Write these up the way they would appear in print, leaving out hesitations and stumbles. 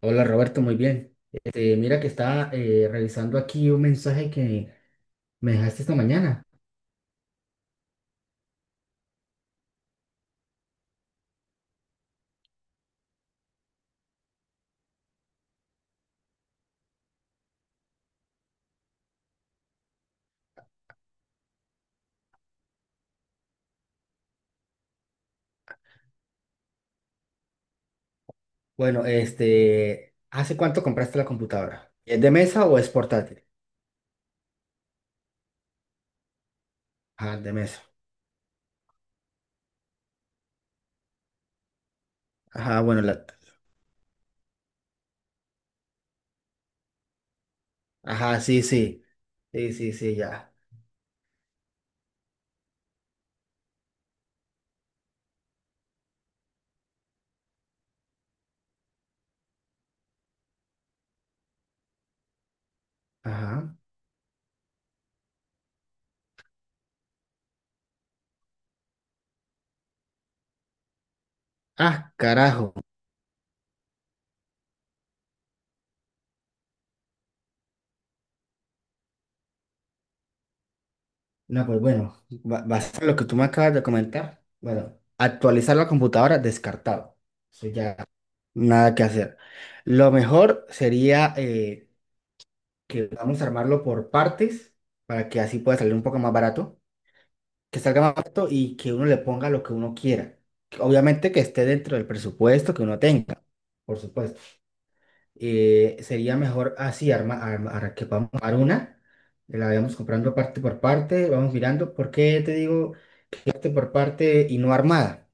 Hola Roberto, muy bien. Este, mira que estaba revisando aquí un mensaje que me dejaste esta mañana. Bueno, este, ¿hace cuánto compraste la computadora? ¿Es de mesa o es portátil? Ajá, de mesa. Ajá, bueno, Ajá, sí, sí. Sí, sí, sí, ya. Ajá. Ah, carajo. No, pues bueno, basado en lo que tú me acabas de comentar, bueno, actualizar la computadora descartado. Eso ya, nada que hacer. Lo mejor sería que vamos a armarlo por partes para que así pueda salir un poco más barato, que salga más barato y que uno le ponga lo que uno quiera. Que obviamente que esté dentro del presupuesto que uno tenga, por supuesto. Sería mejor así, que vamos a armar una, la vayamos comprando parte por parte, vamos mirando. ¿Por qué te digo parte por parte y no armada?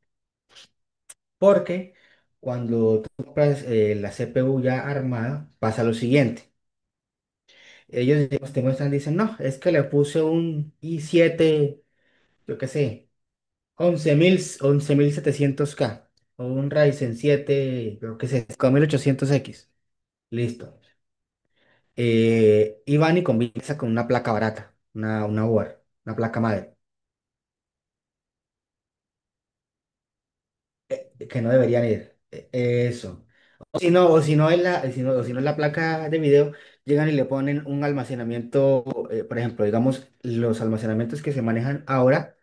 Porque cuando tú compras la CPU ya armada, pasa lo siguiente. Ellos, los tecnologistas dicen, no, es que le puse un i7, yo qué sé, 11700K o un Ryzen siete, yo qué sé, 5800X. Listo. Y van y combinan con una placa barata, una board, una placa madre, que no deberían ir. Eso. O si no es la, si no, o si no es la placa de video, llegan y le ponen un almacenamiento, por ejemplo, digamos, los almacenamientos que se manejan ahora.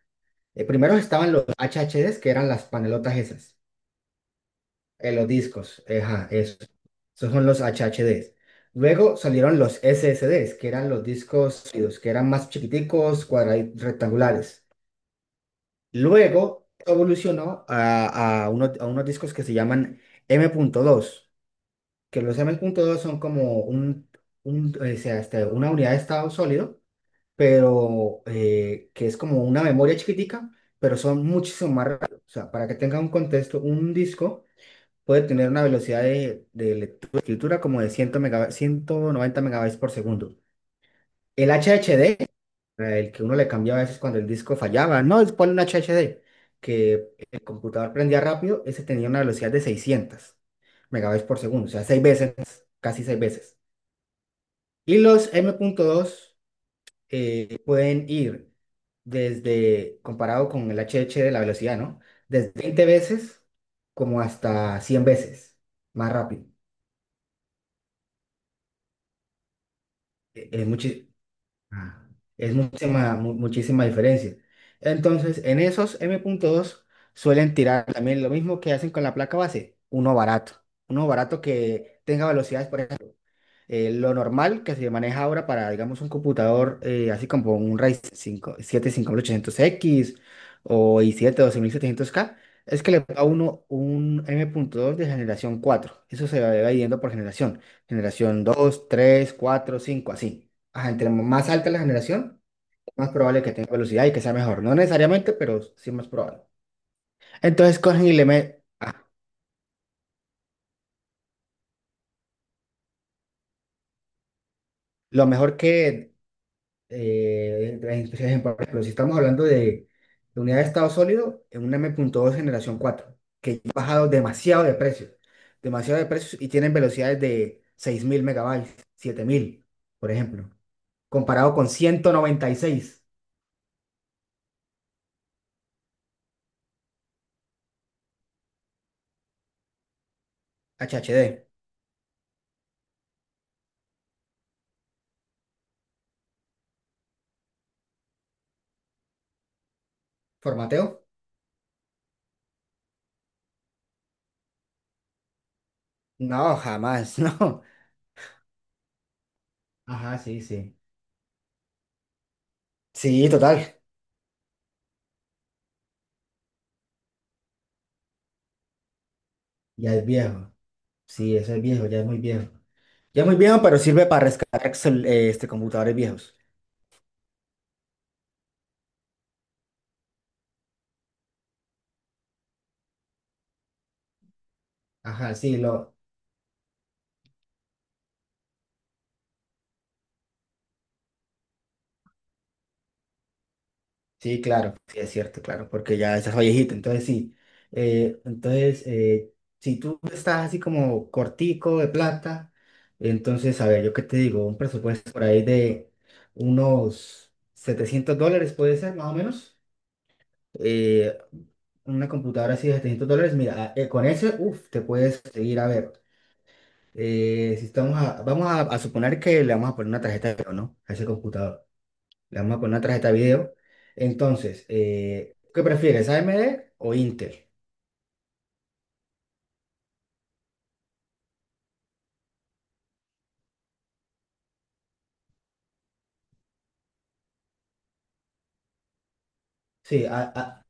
Primero estaban los HHDs, que eran las panelotas esas, los discos, ajá, eso. Esos son los HHDs. Luego salieron los SSDs, que eran los discos sólidos, que eran más chiquiticos, cuadraditos, rectangulares. Luego evolucionó a unos discos que se llaman M punto dos, que los M punto dos son como o sea, este, una unidad de estado sólido, pero que es como una memoria chiquitica, pero son muchísimo más rápidos. O sea, para que tenga un contexto, un disco puede tener una velocidad de lectura, escritura como de 190 megabytes por segundo. El HHD, el que uno le cambiaba a veces cuando el disco fallaba, no, es ponle un HHD, que el computador prendía rápido, ese tenía una velocidad de 600 megabytes por segundo, o sea, seis veces, casi seis veces. Y los M.2 pueden ir desde, comparado con el H H de la velocidad, ¿no? Desde 20 veces como hasta 100 veces más rápido. Eh, eh, muchi- Ah, es muchísima, muchísima diferencia. Entonces, en esos m punto dos suelen tirar también lo mismo que hacen con la placa base, uno barato que tenga velocidades, por ejemplo, lo normal que se maneja ahora para, digamos, un computador así como un Ryzen 5, 800X, o i siete 12700K, es que le da a uno un m punto dos de generación cuatro. Eso se va dividiendo por generación. Generación dos, tres, cuatro, cinco, así. Ajá, entre más alta la generación, más probable que tenga velocidad y que sea mejor. No necesariamente, pero sí más probable. Entonces cogen y le meten lo mejor que por ejemplo, si estamos hablando de unidad de estado sólido, en un m punto dos generación 4 que ya ha bajado demasiado de precio, demasiado de precios, y tienen velocidades de 6000 megabytes, 7000, por ejemplo, comparado con 196 HHD. ¿Formateo? No, jamás, no. Ajá, sí, sí. Sí, total. Ya es viejo. Sí, eso es viejo, ya es muy viejo. Ya es muy viejo, pero sirve para rescatar este, computadores viejos. Ajá, sí, sí, claro, sí, es cierto, claro, porque ya estás viejito, entonces sí. Entonces, si tú estás así como cortico de plata, entonces, a ver, yo qué te digo, un presupuesto por ahí de unos $700 puede ser, más o menos. Eh, una computadora así de $700, mira, con ese, uff, te puedes seguir, a ver. Si estamos vamos a suponer que le vamos a poner una tarjeta de video, ¿no? A ese computador. Le vamos a poner una tarjeta de video. Entonces, ¿qué prefieres, AMD o Intel? Sí,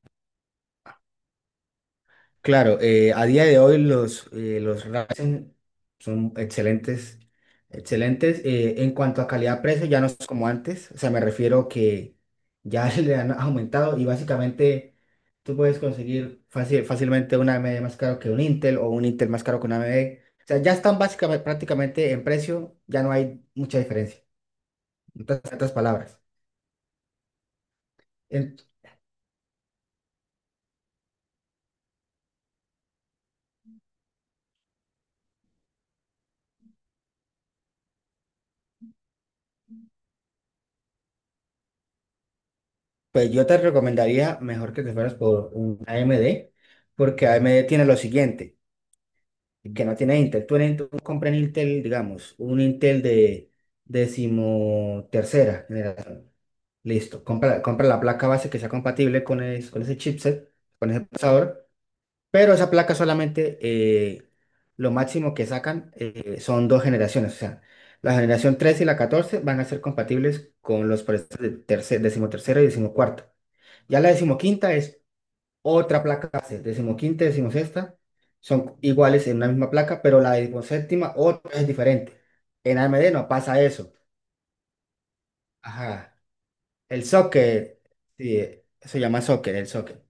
claro, a día de hoy los Ryzen son excelentes, excelentes. En cuanto a calidad-precio, ya no es como antes, o sea, me refiero que ya le han aumentado y básicamente tú puedes conseguir fácilmente una AMD más caro que un Intel, o un Intel más caro que una AMD. O sea, ya están básicamente prácticamente en precio, ya no hay mucha diferencia. En otras palabras, En- pues yo te recomendaría mejor que te fueras por un AMD, porque AMD tiene lo siguiente que no tiene Intel. Tú, tú compras en Intel, digamos, un Intel de decimotercera generación. Listo, compra la placa base que sea compatible con, con ese chipset, con ese procesador, pero esa placa solamente lo máximo que sacan son dos generaciones, o sea, la generación tres y la 14 van a ser compatibles con los procesadores de decimotercera y decimocuarta. Ya la decimoquinta es otra placa base, decimoquinta y decimosexta son iguales en una misma placa, pero la decimoséptima otra es diferente. En AMD no pasa eso. Ajá. El socket, sí, se llama socket, el socket.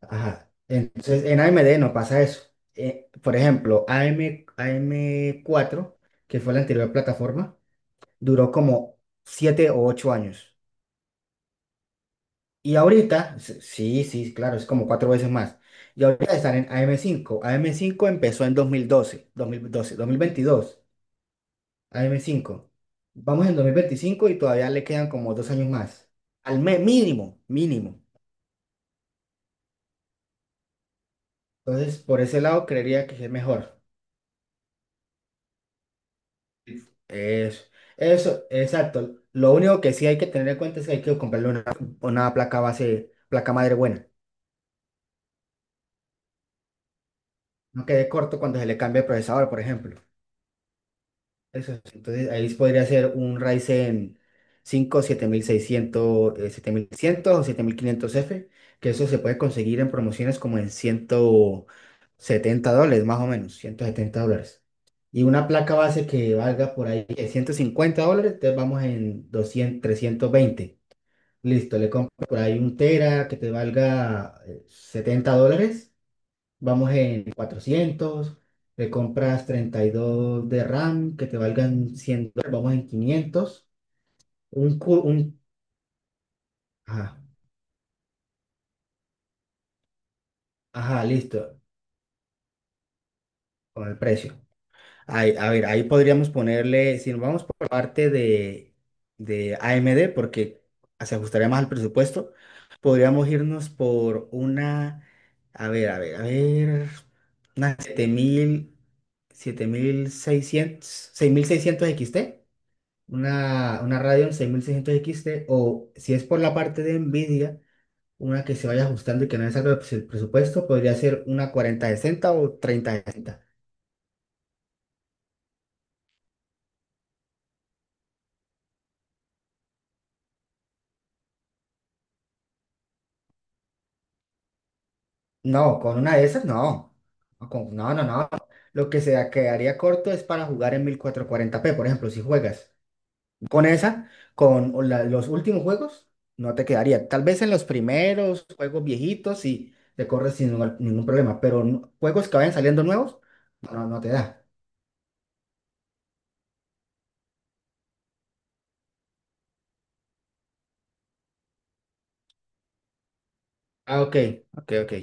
Ajá. Entonces, en AMD no pasa eso. Por ejemplo, AM cuatro, que fue la anterior plataforma, duró como 7 u 8 años. Y ahorita, sí, sí, claro, es como cuatro veces más. Y ahorita están en AM5. AM5 empezó en 2022, AM5. Vamos en 2025 y todavía le quedan como 2 años más. Al mes, mínimo, mínimo. Entonces, por ese lado, creería que es mejor. Eso, eso, exacto. Lo único que sí hay que tener en cuenta es que hay que comprarle una placa base, placa madre buena. No quede corto cuando se le cambie el procesador, por ejemplo. Eso es. Entonces ahí podría ser un Ryzen 5 7600, 7100 o siete mil quinientos f, que eso se puede conseguir en promociones como en $170, más o menos, $170. Y una placa base que valga por ahí $150, entonces vamos en 200, 320. Listo, le compro por ahí un tera que te valga $70. Vamos en 400, le compras 32 de RAM que te valgan $100, vamos en 500. Un, cu- un, ajá, ajá, listo, con el precio. A ver, ahí podríamos ponerle, si nos vamos por la parte de AMD, porque se ajustaría más al presupuesto, podríamos irnos por una, a ver, a ver, a ver, una 7000, 7600, 6600 XT. Una Radeon 6600 XT, o si es por la parte de Nvidia, una que se vaya ajustando y que no es algo del presupuesto, podría ser una 4060 o 3060. No, con una de esas no. No, no, no. No. Lo que se quedaría corto es para jugar en 1440p, por ejemplo, si juegas con esa, con los últimos juegos, no te quedaría. Tal vez en los primeros juegos viejitos sí te corres sin ningún problema, pero juegos que vayan saliendo nuevos, no, no te da. Ah, ok, ok, ok.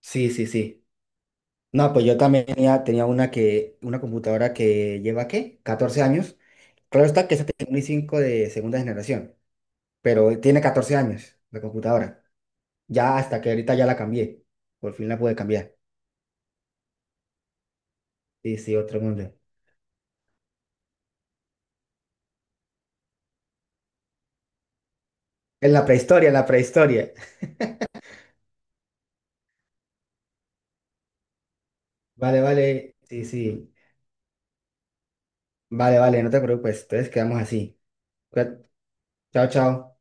Sí, sí, sí. No, pues yo también tenía, una computadora que lleva, ¿qué?, 14 años. Claro está que esa tiene un i5 de segunda generación, pero tiene 14 años la computadora. Ya hasta que ahorita ya la cambié. Por fin la pude cambiar. Sí, sí, otro mundo. En la prehistoria, en la prehistoria. Vale, vale. Sí, sí. Vale, vale, no te preocupes. Entonces quedamos así. Cuídate. Chao, chao.